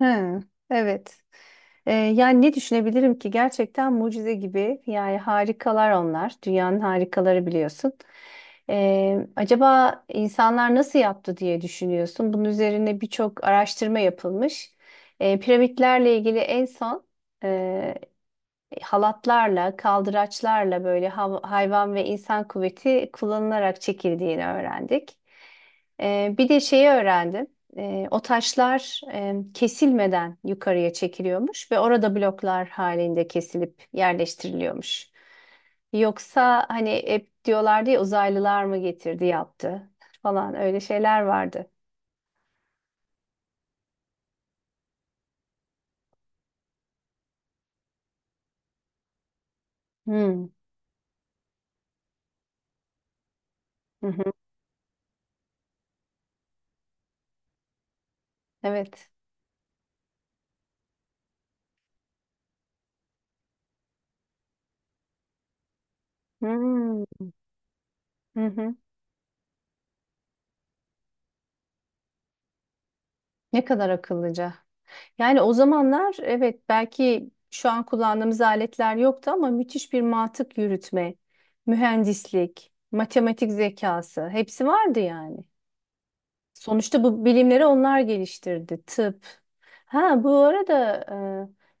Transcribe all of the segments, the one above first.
Hı, evet. Yani ne düşünebilirim ki gerçekten mucize gibi yani harikalar onlar dünyanın harikaları biliyorsun. Acaba insanlar nasıl yaptı diye düşünüyorsun. Bunun üzerine birçok araştırma yapılmış. Piramitlerle ilgili en son e, halatlarla, kaldıraçlarla böyle hayvan ve insan kuvveti kullanılarak çekildiğini öğrendik. Bir de şeyi öğrendim. O taşlar kesilmeden yukarıya çekiliyormuş ve orada bloklar halinde kesilip yerleştiriliyormuş. Yoksa hani hep diyorlardı ya uzaylılar mı getirdi yaptı falan öyle şeyler vardı. Hmm. Hı hı. Evet. Hmm. Hı hı. Ne kadar akıllıca. Yani o zamanlar evet belki şu an kullandığımız aletler yoktu ama müthiş bir mantık yürütme, mühendislik, matematik zekası hepsi vardı yani. Sonuçta bu bilimleri onlar geliştirdi. Tıp. Ha bu arada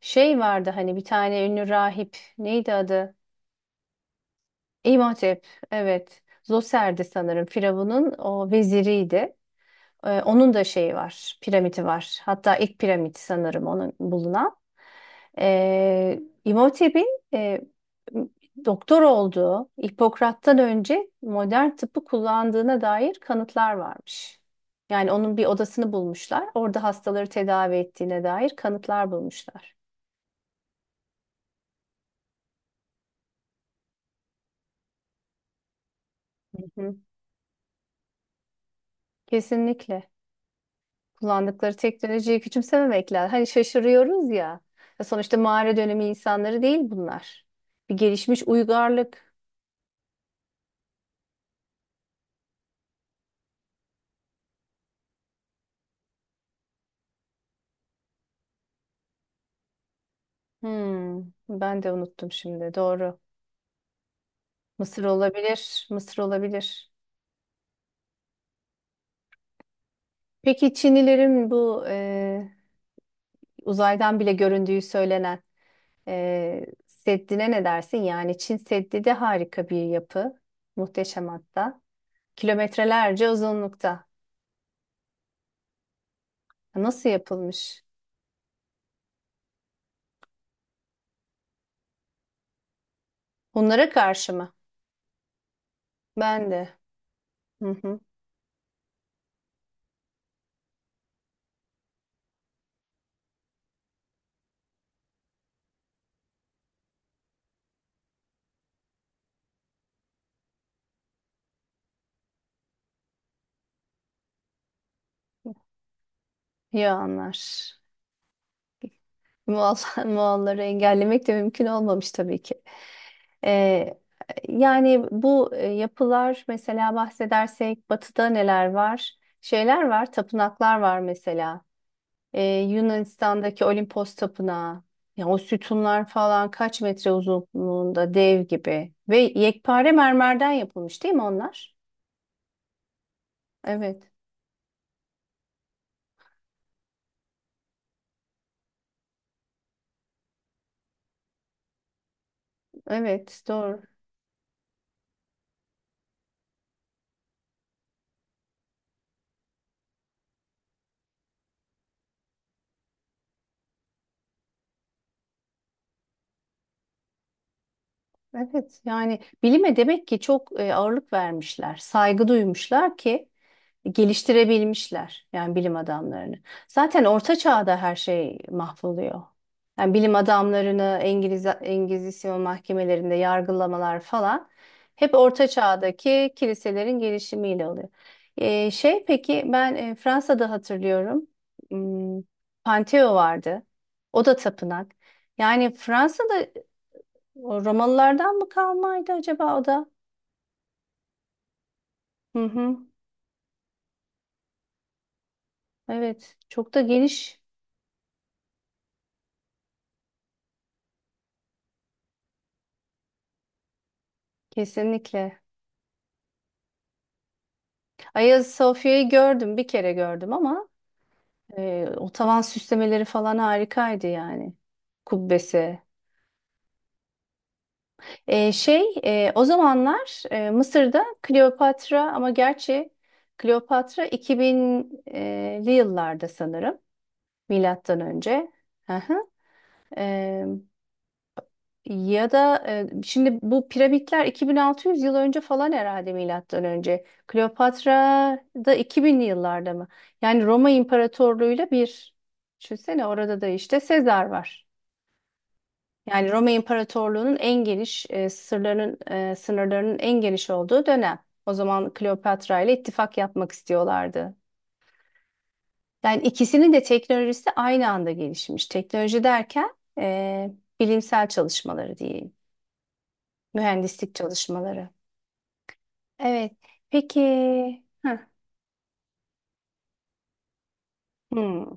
şey vardı hani bir tane ünlü rahip neydi adı? İmhotep. Evet. Zoser'di sanırım Firavun'un o veziriydi. Onun da şeyi var, piramidi var. Hatta ilk piramit sanırım onun bulunan. Ee, İmam Hatip'in e, doktor olduğu, Hipokrat'tan önce modern tıbbı kullandığına dair kanıtlar varmış. Yani onun bir odasını bulmuşlar. Orada hastaları tedavi ettiğine dair kanıtlar bulmuşlar. Hı hı. Kesinlikle. Kullandıkları teknolojiyi küçümsememek lazım. Hani şaşırıyoruz ya. Ya sonuçta mağara dönemi insanları değil bunlar. Bir gelişmiş uygarlık. Hmm, ben de unuttum şimdi. Doğru. Mısır olabilir. Mısır olabilir. Peki Çinlilerin bu uzaydan bile göründüğü söylenen Seddi'ne ne dersin? Yani Çin Seddi de harika bir yapı. Muhteşem hatta. Kilometrelerce uzunlukta. Nasıl yapılmış? Bunlara karşı mı? Ben de. Hı hı. Ya anlar. Moğol, Moğolları engellemek de mümkün olmamış tabii ki. Ee, yani bu yapılar mesela bahsedersek batıda neler var? Şeyler var, tapınaklar var mesela. Ee, Yunanistan'daki Olimpos Tapınağı. Ya o sütunlar falan kaç metre uzunluğunda dev gibi. Ve yekpare mermerden yapılmış değil mi onlar? Evet, evet doğru. Evet yani bilime demek ki çok ağırlık vermişler, saygı duymuşlar ki geliştirebilmişler yani bilim adamlarını. Zaten orta çağda her şey mahvoluyor. Yani bilim adamlarını Engizisyon mahkemelerinde yargılamalar falan hep orta çağdaki kiliselerin gelişimiyle oluyor. Şey, peki ben Fransa'da hatırlıyorum, hmm, Pantheon vardı. O da tapınak. Yani Fransa'da o Romalılardan mı kalmaydı acaba o da? Hı hı. Evet. Çok da geniş. Kesinlikle. Hagia Sophia'yı gördüm. Bir kere gördüm ama o tavan süslemeleri falan harikaydı yani. Kubbesi. Şey, o zamanlar Mısır'da Kleopatra ama gerçi Kleopatra 2000'li yıllarda sanırım. Milattan önce. Hı hı. Ya da şimdi bu piramitler 2600 yıl önce falan herhalde milattan önce. Kleopatra da 2000'li yıllarda mı? Yani Roma İmparatorluğu'yla bir. Düşünsene orada da işte Sezar var. Yani Roma İmparatorluğu'nun en geniş sırlarının sınırlarının en geniş olduğu dönem. O zaman Kleopatra ile ittifak yapmak istiyorlardı. Yani ikisinin de teknolojisi aynı anda gelişmiş. Teknoloji derken bilimsel çalışmaları diyeyim, mühendislik çalışmaları. Evet. Peki. Heh. Hmm,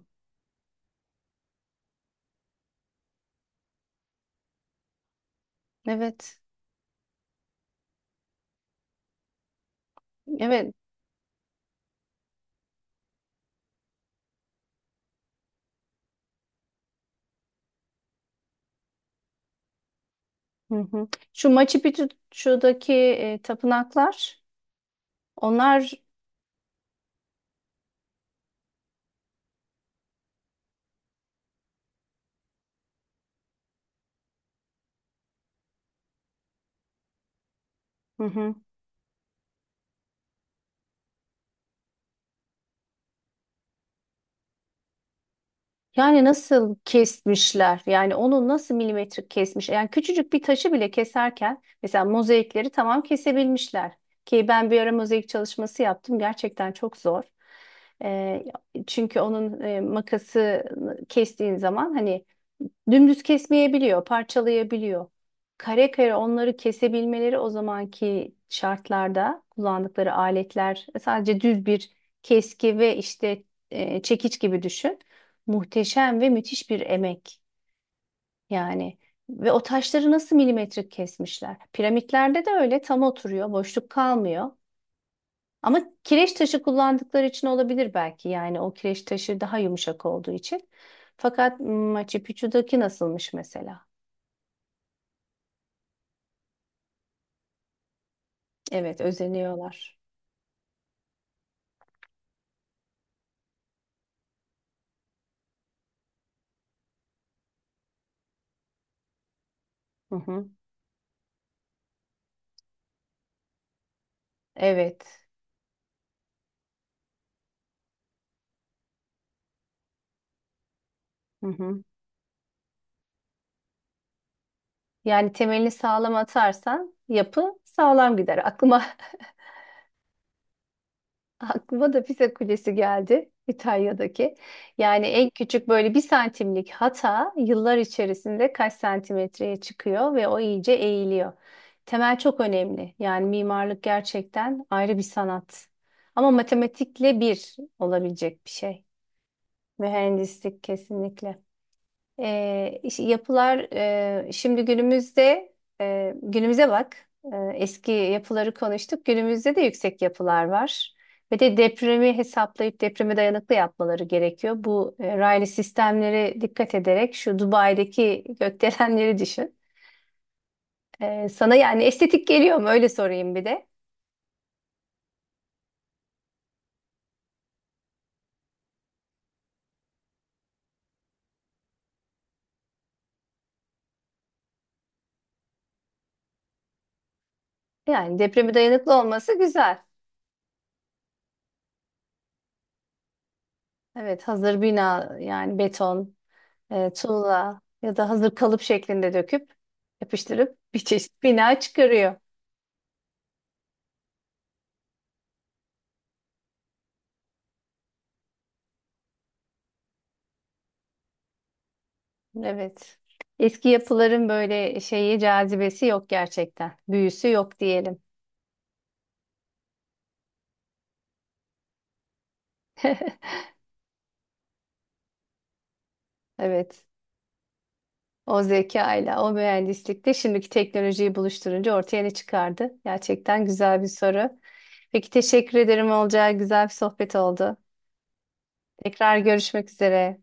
evet. Evet. Hı hı. Şu Machu Picchu'daki tapınaklar onlar. Hı hı. Yani nasıl kesmişler? Yani onu nasıl milimetrik kesmiş? Yani küçücük bir taşı bile keserken mesela mozaikleri tamam kesebilmişler. Ki ben bir ara mozaik çalışması yaptım. Gerçekten çok zor. Ee, çünkü onun makası kestiğin zaman hani dümdüz kesmeyebiliyor, parçalayabiliyor. Kare kare onları kesebilmeleri o zamanki şartlarda kullandıkları aletler sadece düz bir keski ve işte çekiç gibi düşün. Muhteşem ve müthiş bir emek yani. Ve o taşları nasıl milimetrik kesmişler? Piramitlerde de öyle tam oturuyor, boşluk kalmıyor. Ama kireç taşı kullandıkları için olabilir belki. Yani o kireç taşı daha yumuşak olduğu için. Fakat Machu Picchu'daki nasılmış mesela? Evet, özeniyorlar. Hı hı. Evet. Hı hı. Yani temelini sağlam atarsan yapı sağlam gider. Aklıma da Pisa Kulesi geldi İtalya'daki. Yani en küçük böyle bir santimlik hata yıllar içerisinde kaç santimetreye çıkıyor ve o iyice eğiliyor. Temel çok önemli. Yani mimarlık gerçekten ayrı bir sanat. Ama matematikle bir olabilecek bir şey. Mühendislik kesinlikle. Yapılar şimdi günümüzde günümüze bak. Eski yapıları konuştuk. Günümüzde de yüksek yapılar var. Ve de depremi hesaplayıp depreme dayanıklı yapmaları gerekiyor. Bu raylı sistemlere dikkat ederek şu Dubai'deki gökdelenleri düşün. Sana yani estetik geliyor mu? Öyle sorayım bir de. Yani depreme dayanıklı olması güzel. Evet, hazır bina yani beton, tuğla ya da hazır kalıp şeklinde döküp yapıştırıp bir çeşit bina çıkarıyor. Evet. Eski yapıların böyle şeyi cazibesi yok gerçekten. Büyüsü yok diyelim. Evet. O zekayla, o mühendislikte şimdiki teknolojiyi buluşturunca ortaya ne çıkardı? Gerçekten güzel bir soru. Peki teşekkür ederim Olcay. Güzel bir sohbet oldu. Tekrar görüşmek üzere.